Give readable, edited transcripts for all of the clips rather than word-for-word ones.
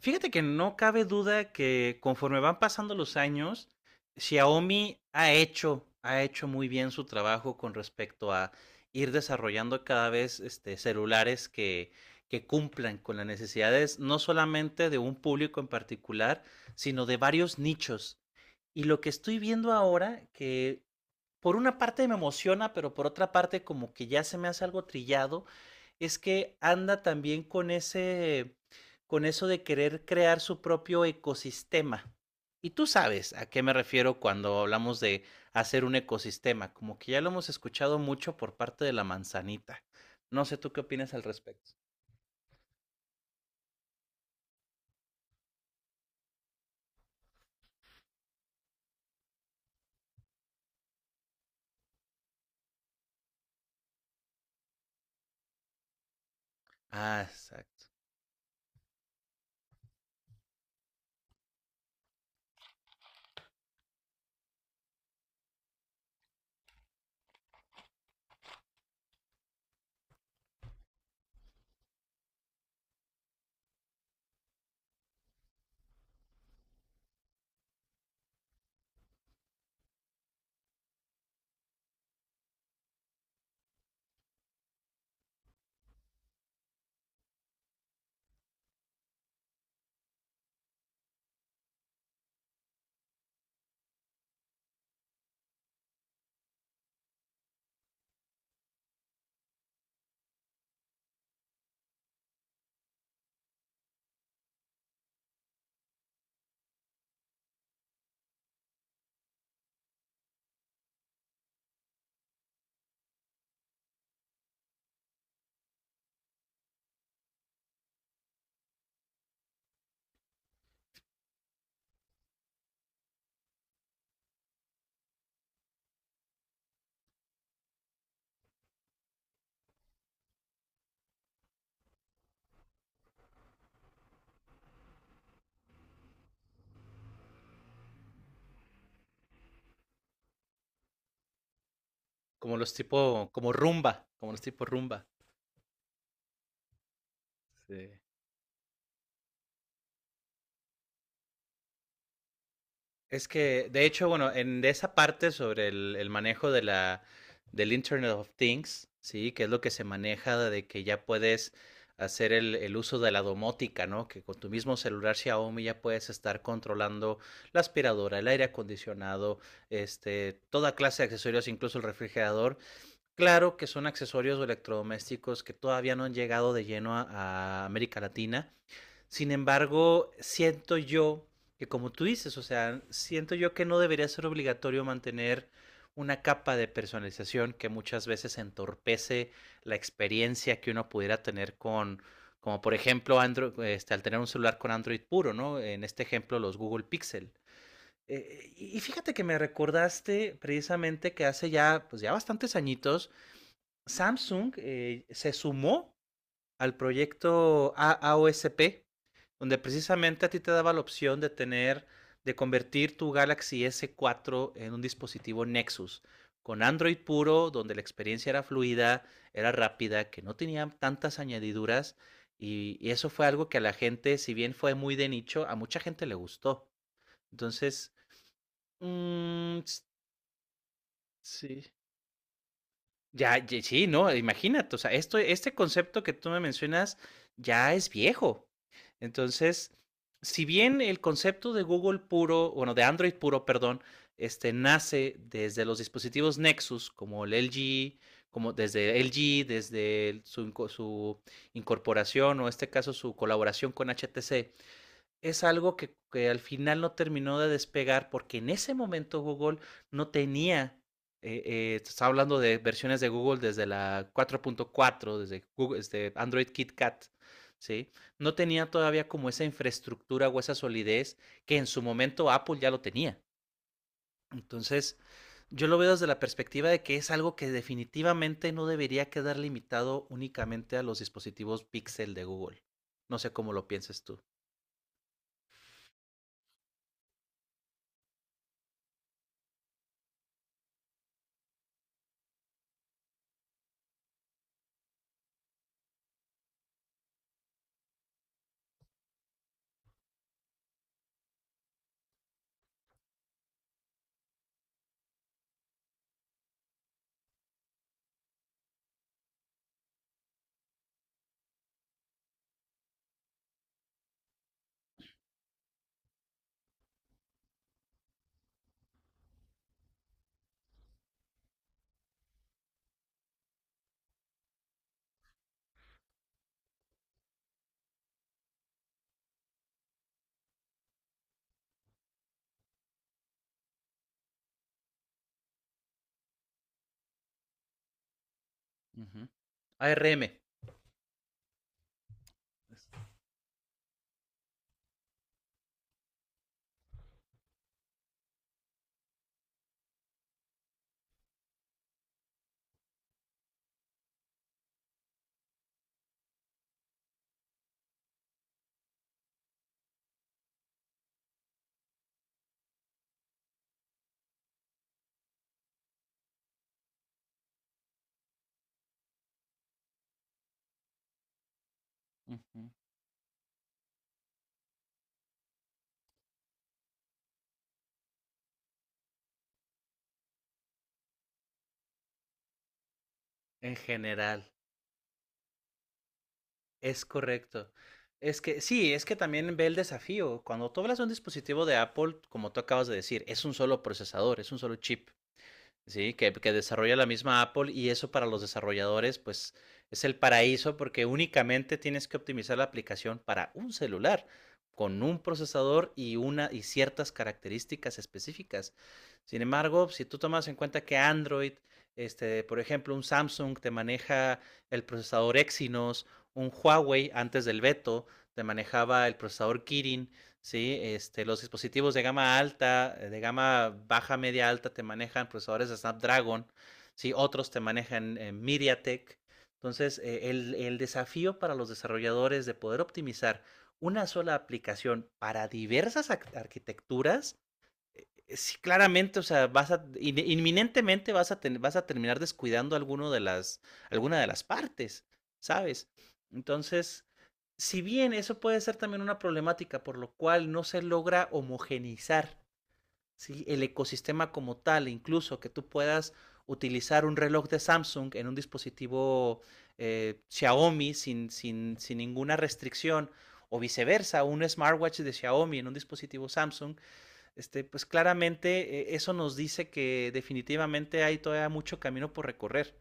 Fíjate que no cabe duda que conforme van pasando los años, Xiaomi ha hecho muy bien su trabajo con respecto a ir desarrollando cada vez celulares que cumplan con las necesidades no solamente de un público en particular, sino de varios nichos. Y lo que estoy viendo ahora, que por una parte me emociona, pero por otra parte como que ya se me hace algo trillado, es que anda también con eso de querer crear su propio ecosistema. Y tú sabes a qué me refiero cuando hablamos de hacer un ecosistema, como que ya lo hemos escuchado mucho por parte de la manzanita. No sé tú qué opinas al respecto. Ah, exacto. Como los tipo, como rumba, como los tipo rumba. Sí. Es que, de hecho, bueno, en de esa parte sobre el manejo de la, del Internet of Things, ¿sí? Que es lo que se maneja de que ya puedes hacer uso de la domótica, ¿no? Que con tu mismo celular Xiaomi ya puedes estar controlando la aspiradora, el aire acondicionado, toda clase de accesorios, incluso el refrigerador. Claro que son accesorios o electrodomésticos que todavía no han llegado de lleno a América Latina, sin embargo, siento yo que como tú dices, o sea, siento yo que no debería ser obligatorio mantener una capa de personalización que muchas veces entorpece la experiencia que uno pudiera tener con, como por ejemplo, Android, al tener un celular con Android puro, ¿no? En este ejemplo, los Google Pixel. Y fíjate que me recordaste precisamente que hace ya, pues ya bastantes añitos, Samsung se sumó al proyecto AAOSP, donde precisamente a ti te daba la opción de tener, de convertir tu Galaxy S4 en un dispositivo Nexus, con Android puro, donde la experiencia era fluida, era rápida, que no tenía tantas añadiduras, y eso fue algo que a la gente, si bien fue muy de nicho, a mucha gente le gustó. Entonces, mm, sí. Ya, sí, no, imagínate, o sea, este concepto que tú me mencionas ya es viejo. Entonces, si bien el concepto de Google puro, bueno, de Android puro, perdón, este nace desde los dispositivos Nexus, como el LG, como desde LG, desde su incorporación o en este caso su colaboración con HTC, es algo que al final no terminó de despegar porque en ese momento Google no tenía, estaba hablando de versiones de Google desde la 4.4, desde Google, desde Android KitKat, ¿sí? No tenía todavía como esa infraestructura o esa solidez que en su momento Apple ya lo tenía. Entonces, yo lo veo desde la perspectiva de que es algo que definitivamente no debería quedar limitado únicamente a los dispositivos Pixel de Google. No sé cómo lo pienses tú. Uh -huh. ARM. Ujú. En general, es correcto. Es que sí, es que también ve el desafío. Cuando tú hablas de un dispositivo de Apple, como tú acabas de decir, es un solo procesador, es un solo chip. Sí, que desarrolla la misma Apple, y eso para los desarrolladores pues es el paraíso porque únicamente tienes que optimizar la aplicación para un celular con un procesador y una y ciertas características específicas. Sin embargo, si tú tomas en cuenta que Android, por ejemplo, un Samsung te maneja el procesador Exynos, un Huawei antes del veto te manejaba el procesador Kirin. Sí, los dispositivos de gama alta, de gama baja, media, alta, te manejan procesadores de Snapdragon, sí, otros te manejan MediaTek. Entonces, el desafío para los desarrolladores de poder optimizar una sola aplicación para diversas arquitecturas, sí, claramente, o sea, inminentemente vas a terminar descuidando alguno de las, alguna de las partes, ¿sabes? Entonces, si bien eso puede ser también una problemática por lo cual no se logra homogenizar, ¿sí?, el ecosistema como tal, incluso que tú puedas utilizar un reloj de Samsung en un dispositivo Xiaomi sin ninguna restricción, o viceversa, un smartwatch de Xiaomi en un dispositivo Samsung, pues claramente eso nos dice que definitivamente hay todavía mucho camino por recorrer.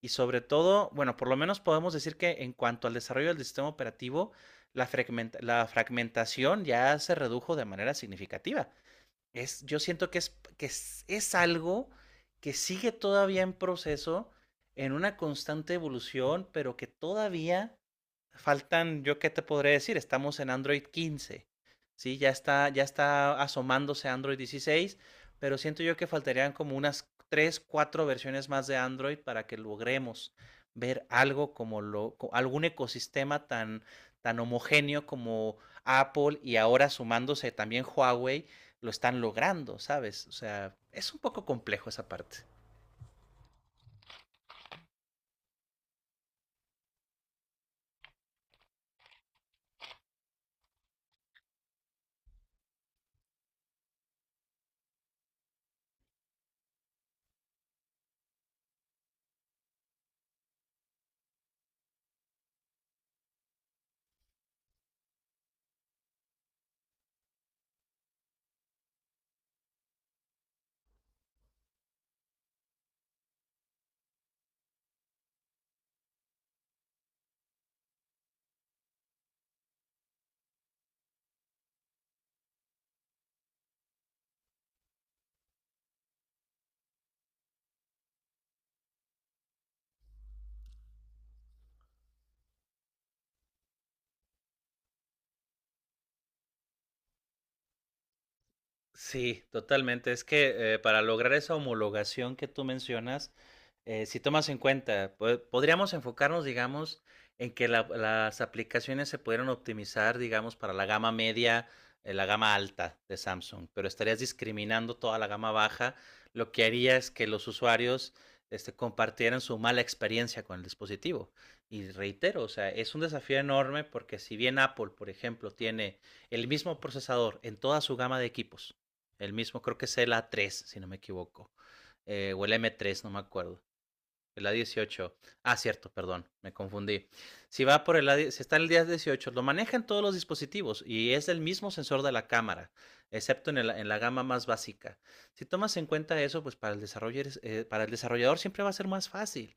Y sobre todo, bueno, por lo menos podemos decir que en cuanto al desarrollo del sistema operativo, la fragmentación ya se redujo de manera significativa. Yo siento que es, algo que sigue todavía en proceso, en una constante evolución, pero que todavía faltan, yo qué te podré decir, estamos en Android 15. Sí, ya está asomándose Android 16, pero siento yo que faltarían como unas 3 4 versiones más de Android para que logremos ver algo algún ecosistema tan homogéneo como Apple, y ahora sumándose también Huawei, lo están logrando, ¿sabes? O sea, es un poco complejo esa parte. Sí, totalmente. Es que para lograr esa homologación que tú mencionas, si tomas en cuenta, podríamos enfocarnos, digamos, en que las aplicaciones se pudieran optimizar, digamos, para la gama media, la gama alta de Samsung, pero estarías discriminando toda la gama baja, lo que haría es que los usuarios compartieran su mala experiencia con el dispositivo. Y reitero, o sea, es un desafío enorme porque si bien Apple, por ejemplo, tiene el mismo procesador en toda su gama de equipos, el mismo, creo que es el A3, si no me equivoco. O el M3, no me acuerdo. El A18. Ah, cierto, perdón, me confundí. Si va por el A18, si está en el A18, lo manejan todos los dispositivos y es el mismo sensor de la cámara, excepto en la gama más básica. Si tomas en cuenta eso, pues para el desarrollador siempre va a ser más fácil.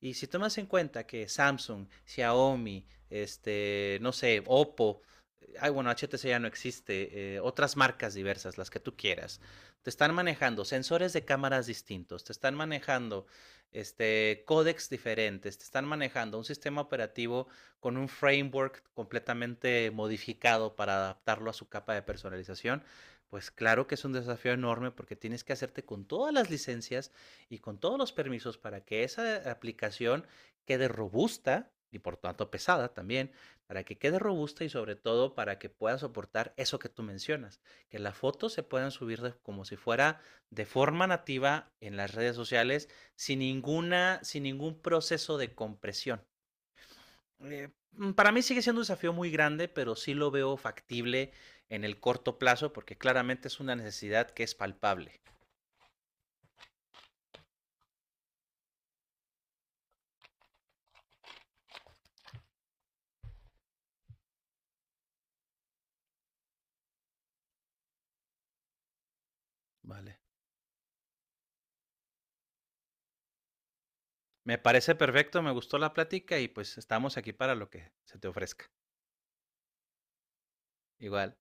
Y si tomas en cuenta que Samsung, Xiaomi, no sé, Oppo, ay, bueno, HTC ya no existe, otras marcas diversas, las que tú quieras, te están manejando sensores de cámaras distintos, te están manejando códex diferentes, te están manejando un sistema operativo con un framework completamente modificado para adaptarlo a su capa de personalización, pues claro que es un desafío enorme porque tienes que hacerte con todas las licencias y con todos los permisos para que esa aplicación quede robusta y, por tanto, pesada también, para que quede robusta y sobre todo para que pueda soportar eso que tú mencionas, que las fotos se puedan subir de, como si fuera de forma nativa en las redes sociales, sin ninguna, sin ningún proceso de compresión. Para mí sigue siendo un desafío muy grande, pero sí lo veo factible en el corto plazo porque claramente es una necesidad que es palpable. Vale. Me parece perfecto, me gustó la plática y pues estamos aquí para lo que se te ofrezca. Igual.